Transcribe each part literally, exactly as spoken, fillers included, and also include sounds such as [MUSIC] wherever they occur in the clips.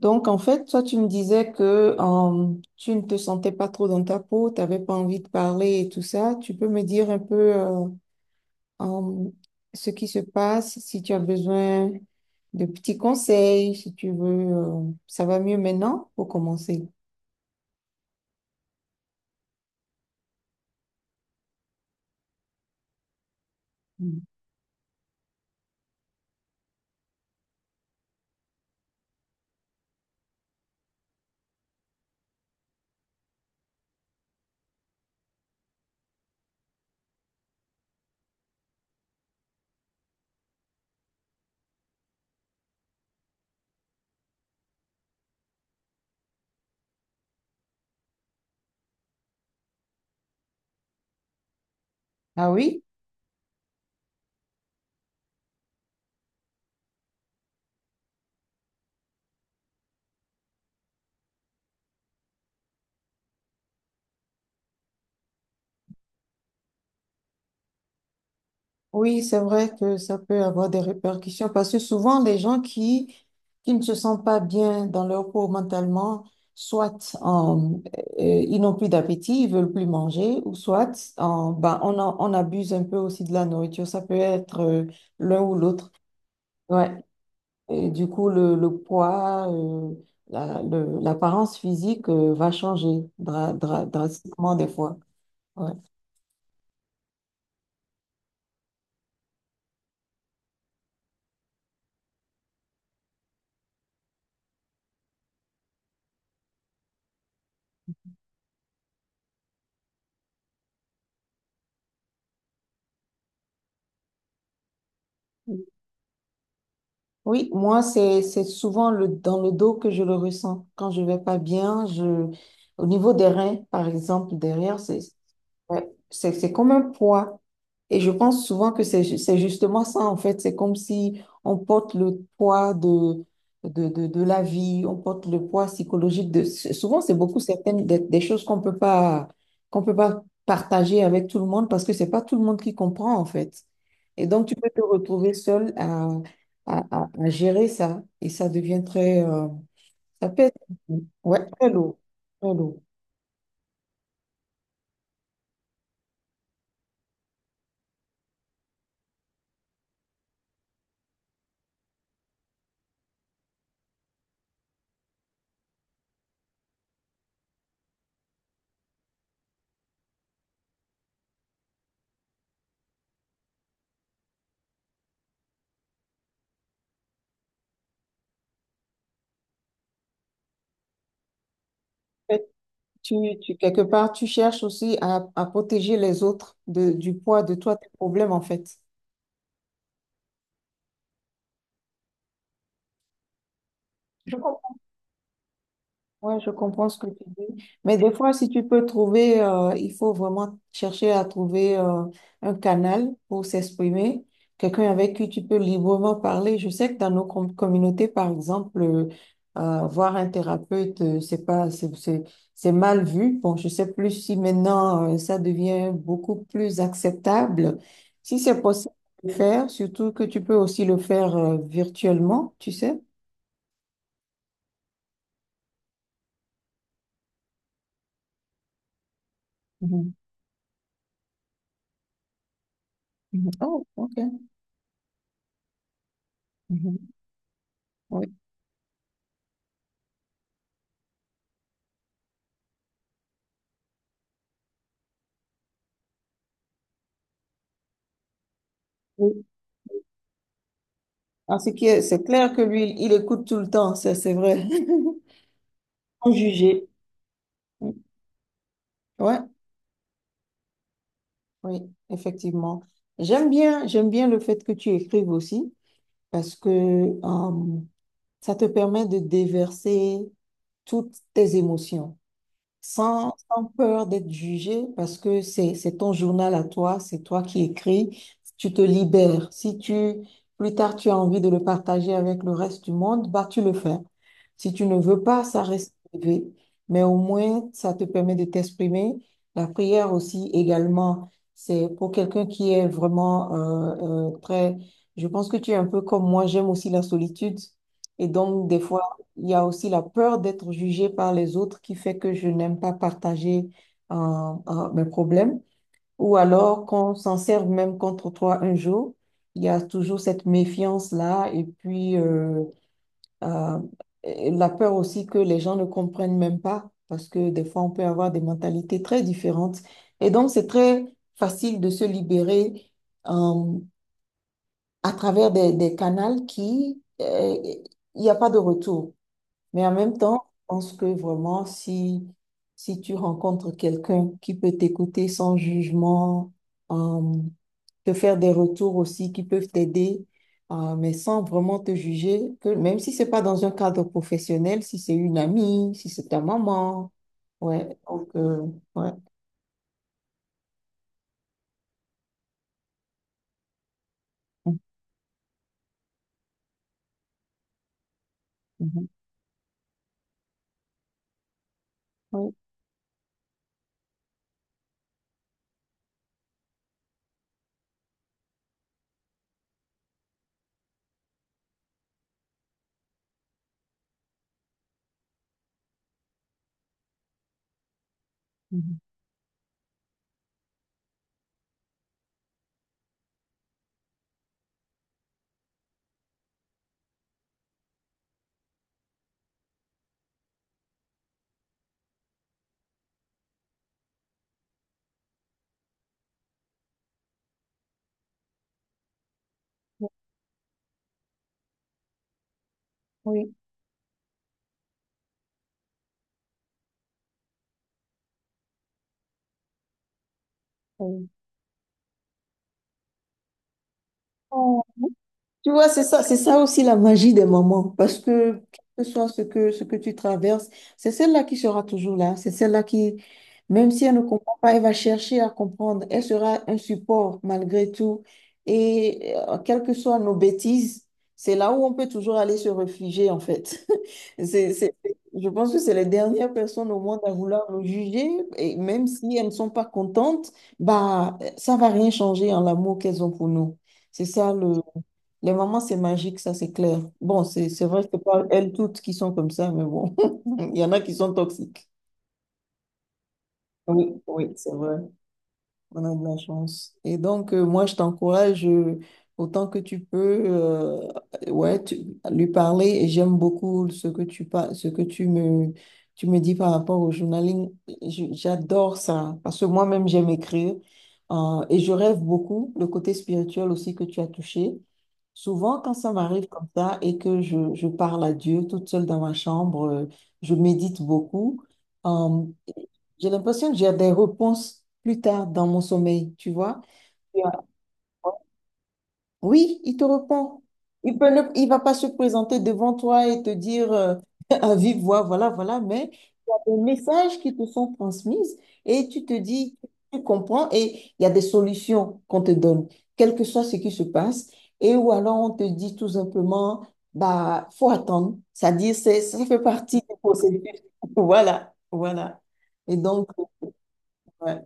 Donc, en fait, toi, tu me disais que euh, tu ne te sentais pas trop dans ta peau, tu n'avais pas envie de parler et tout ça. Tu peux me dire un peu euh, euh, ce qui se passe, si tu as besoin de petits conseils, si tu veux, euh, ça va mieux maintenant pour commencer. Mm. Ah oui? Oui, c'est vrai que ça peut avoir des répercussions parce que souvent les gens qui, qui ne se sentent pas bien dans leur peau mentalement, soit euh, euh, ils n'ont plus d'appétit, ils veulent plus manger, ou soit euh, ben, on, en- on abuse un peu aussi de la nourriture. Ça peut être euh, l'un ou l'autre. Ouais. Et du coup, le, le poids, euh, la- le- l'apparence physique euh, va changer dra- dra- drastiquement des fois. Ouais. Oui, moi, c'est, c'est souvent le, dans le dos que je le ressens. Quand je vais pas bien, je, au niveau des reins, par exemple, derrière, c'est, ouais, c'est, c'est comme un poids. Et je pense souvent que c'est ju- c'est justement ça, en fait. C'est comme si on porte le poids de, de, de, de la vie, on porte le poids psychologique de... Souvent, c'est beaucoup certaines des, des choses qu'on peut pas, qu'on peut pas partager avec tout le monde parce que c'est pas tout le monde qui comprend, en fait. Et donc, tu peux te retrouver seul à, à, à, à gérer ça. Et ça devient très... euh, ça peut être... Ouais, très lourd. Très lourd. Tu, tu- quelque part, tu cherches aussi à, à protéger les autres de, du poids de toi, tes problèmes, en fait. Je Ouais, je comprends ce que tu dis. Mais des fois, si tu peux trouver, euh, il faut vraiment chercher à trouver euh, un canal pour s'exprimer, quelqu'un avec qui tu peux librement parler. Je sais que dans nos com- communautés, par exemple, euh, euh, voir un thérapeute, euh, c'est pas, c'est, c'est, c'est mal vu. Bon, je sais plus si maintenant, euh, ça devient beaucoup plus acceptable. Si c'est possible de le faire, surtout que tu peux aussi le faire euh, virtuellement, tu sais. Mhm. Mhm. Oh, ok. Mhm. Oui. En ce qui est, c'est clair que lui, il écoute tout le temps, ça c'est vrai. [LAUGHS] Sans juger. Ouais, oui, effectivement. J'aime bien, j'aime bien le fait que tu écrives aussi parce que euh, ça te permet de déverser toutes tes émotions. Sans, sans peur d'être jugé, parce que c'est, c'est ton journal à toi, c'est toi qui écris, tu te libères. Si tu, plus tard, tu as envie de le partager avec le reste du monde, bah, tu le fais. Si tu ne veux pas, ça reste privé. Mais au moins, ça te permet de t'exprimer. La prière aussi, également, c'est pour quelqu'un qui est vraiment euh, euh, très... Je pense que tu es un peu comme moi, j'aime aussi la solitude. Et donc, des fois, il y a aussi la peur d'être jugée par les autres qui fait que je n'aime pas partager euh, euh, mes problèmes. Ou alors qu'on s'en serve même contre toi un jour. Il y a toujours cette méfiance-là et puis euh, euh, et la peur aussi que les gens ne comprennent même pas parce que des fois on peut avoir des mentalités très différentes. Et donc c'est très facile de se libérer euh, à travers des, des canaux qui, euh, il n'y a pas de retour. Mais en même temps, je pense que vraiment, si, si tu rencontres quelqu'un qui peut t'écouter sans jugement, euh, te faire des retours aussi qui peuvent t'aider, euh, mais sans vraiment te juger, que même si c'est pas dans un cadre professionnel, si c'est une amie, si c'est ta maman, ouais, donc, euh, ouais. Mhm. Oui, mhm. Oui, oui. Oh. Tu vois, c'est ça, c'est ça aussi la magie des mamans, parce que quel que soit ce que, ce que tu traverses, c'est celle-là qui sera toujours là, c'est celle-là qui, même si elle ne comprend pas, elle va chercher à comprendre, elle sera un support malgré tout, et euh, quelles que soient nos bêtises, c'est là où on peut toujours aller se réfugier, en fait. [LAUGHS] C'est, c'est- je pense que c'est les dernières personnes au monde à vouloir nous juger, et même si elles ne sont pas contentes, bah, ça va rien changer en l'amour qu'elles ont pour nous. C'est ça le... Les mamans, c'est magique, ça, c'est clair. Bon, c'est c'est vrai que c'est pas elles toutes qui sont comme ça, mais bon, [LAUGHS] il y en a qui sont toxiques. Oui, oui, c'est vrai. On a de la chance. Et donc, euh, moi, je t'encourage euh, autant que tu peux, euh, ouais, tu- lui parler. Et j'aime beaucoup ce que tu, par- ce que tu me, tu me dis par rapport au journaling. J- J'adore ça parce que moi-même, j'aime écrire. Euh, et je rêve beaucoup, le côté spirituel aussi que tu as touché. Souvent, quand ça m'arrive comme ça et que je, je parle à Dieu toute seule dans ma chambre, euh, je médite beaucoup. Euh, j'ai l'impression que j'ai des réponses plus tard dans mon sommeil, tu vois. Et, euh, oui, il te répond. Il peut ne- il va pas se présenter devant toi et te dire euh, [LAUGHS] à vive voix, voilà, voilà, mais il y a des messages qui te sont transmises et tu te dis, tu comprends et il y a des solutions qu'on te donne, quel que soit ce qui se passe. Et ou alors on te dit tout simplement, bah, faut attendre. C'est-à-dire, c'est, ça fait partie du processus. [LAUGHS] Voilà, voilà. Et donc, ouais.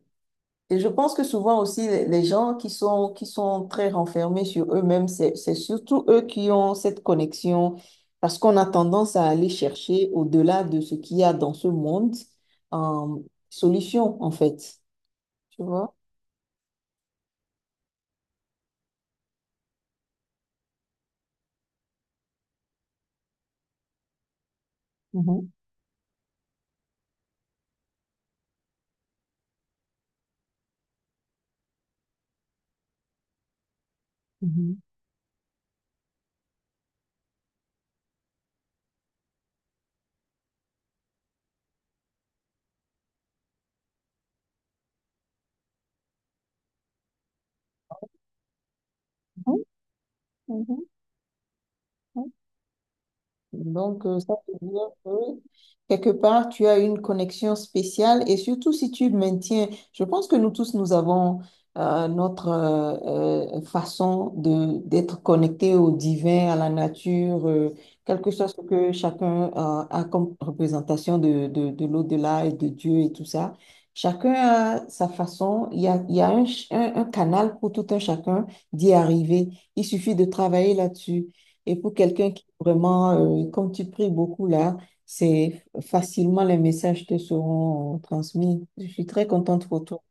Et je pense que souvent aussi, les les gens qui sont, qui sont très renfermés sur eux-mêmes, c'est, c'est surtout eux qui ont cette connexion, parce qu'on a tendance à aller chercher au-delà de ce qu'il y a dans ce monde, euh, solution, en fait. Tu vois? Mhm, mhm, mhm, mhm, mhm. Donc, euh, ça veut dire que quelque part, tu as une connexion spéciale et surtout si tu maintiens, je pense que nous tous, nous avons euh, notre euh, euh, façon de d'être connectés au divin, à la nature, euh, quel que soit ce que chacun euh, a comme représentation de, de, de l'au-delà et de Dieu et tout ça. Chacun a sa façon, il y a, il y a un, ch- un un canal pour tout un chacun d'y arriver. Il suffit de travailler là-dessus. Et pour quelqu'un qui vraiment, euh, comme tu pries beaucoup là, c'est facilement les messages te seront euh, transmis. Je suis très contente pour toi.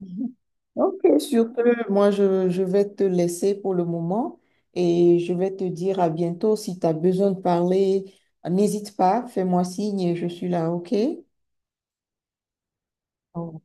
Mhm. Ok, sur ce, moi je, je vais te laisser pour le moment et je vais te dire à bientôt. Si tu as besoin de parler, n'hésite pas, fais-moi signe et je suis là, ok? Au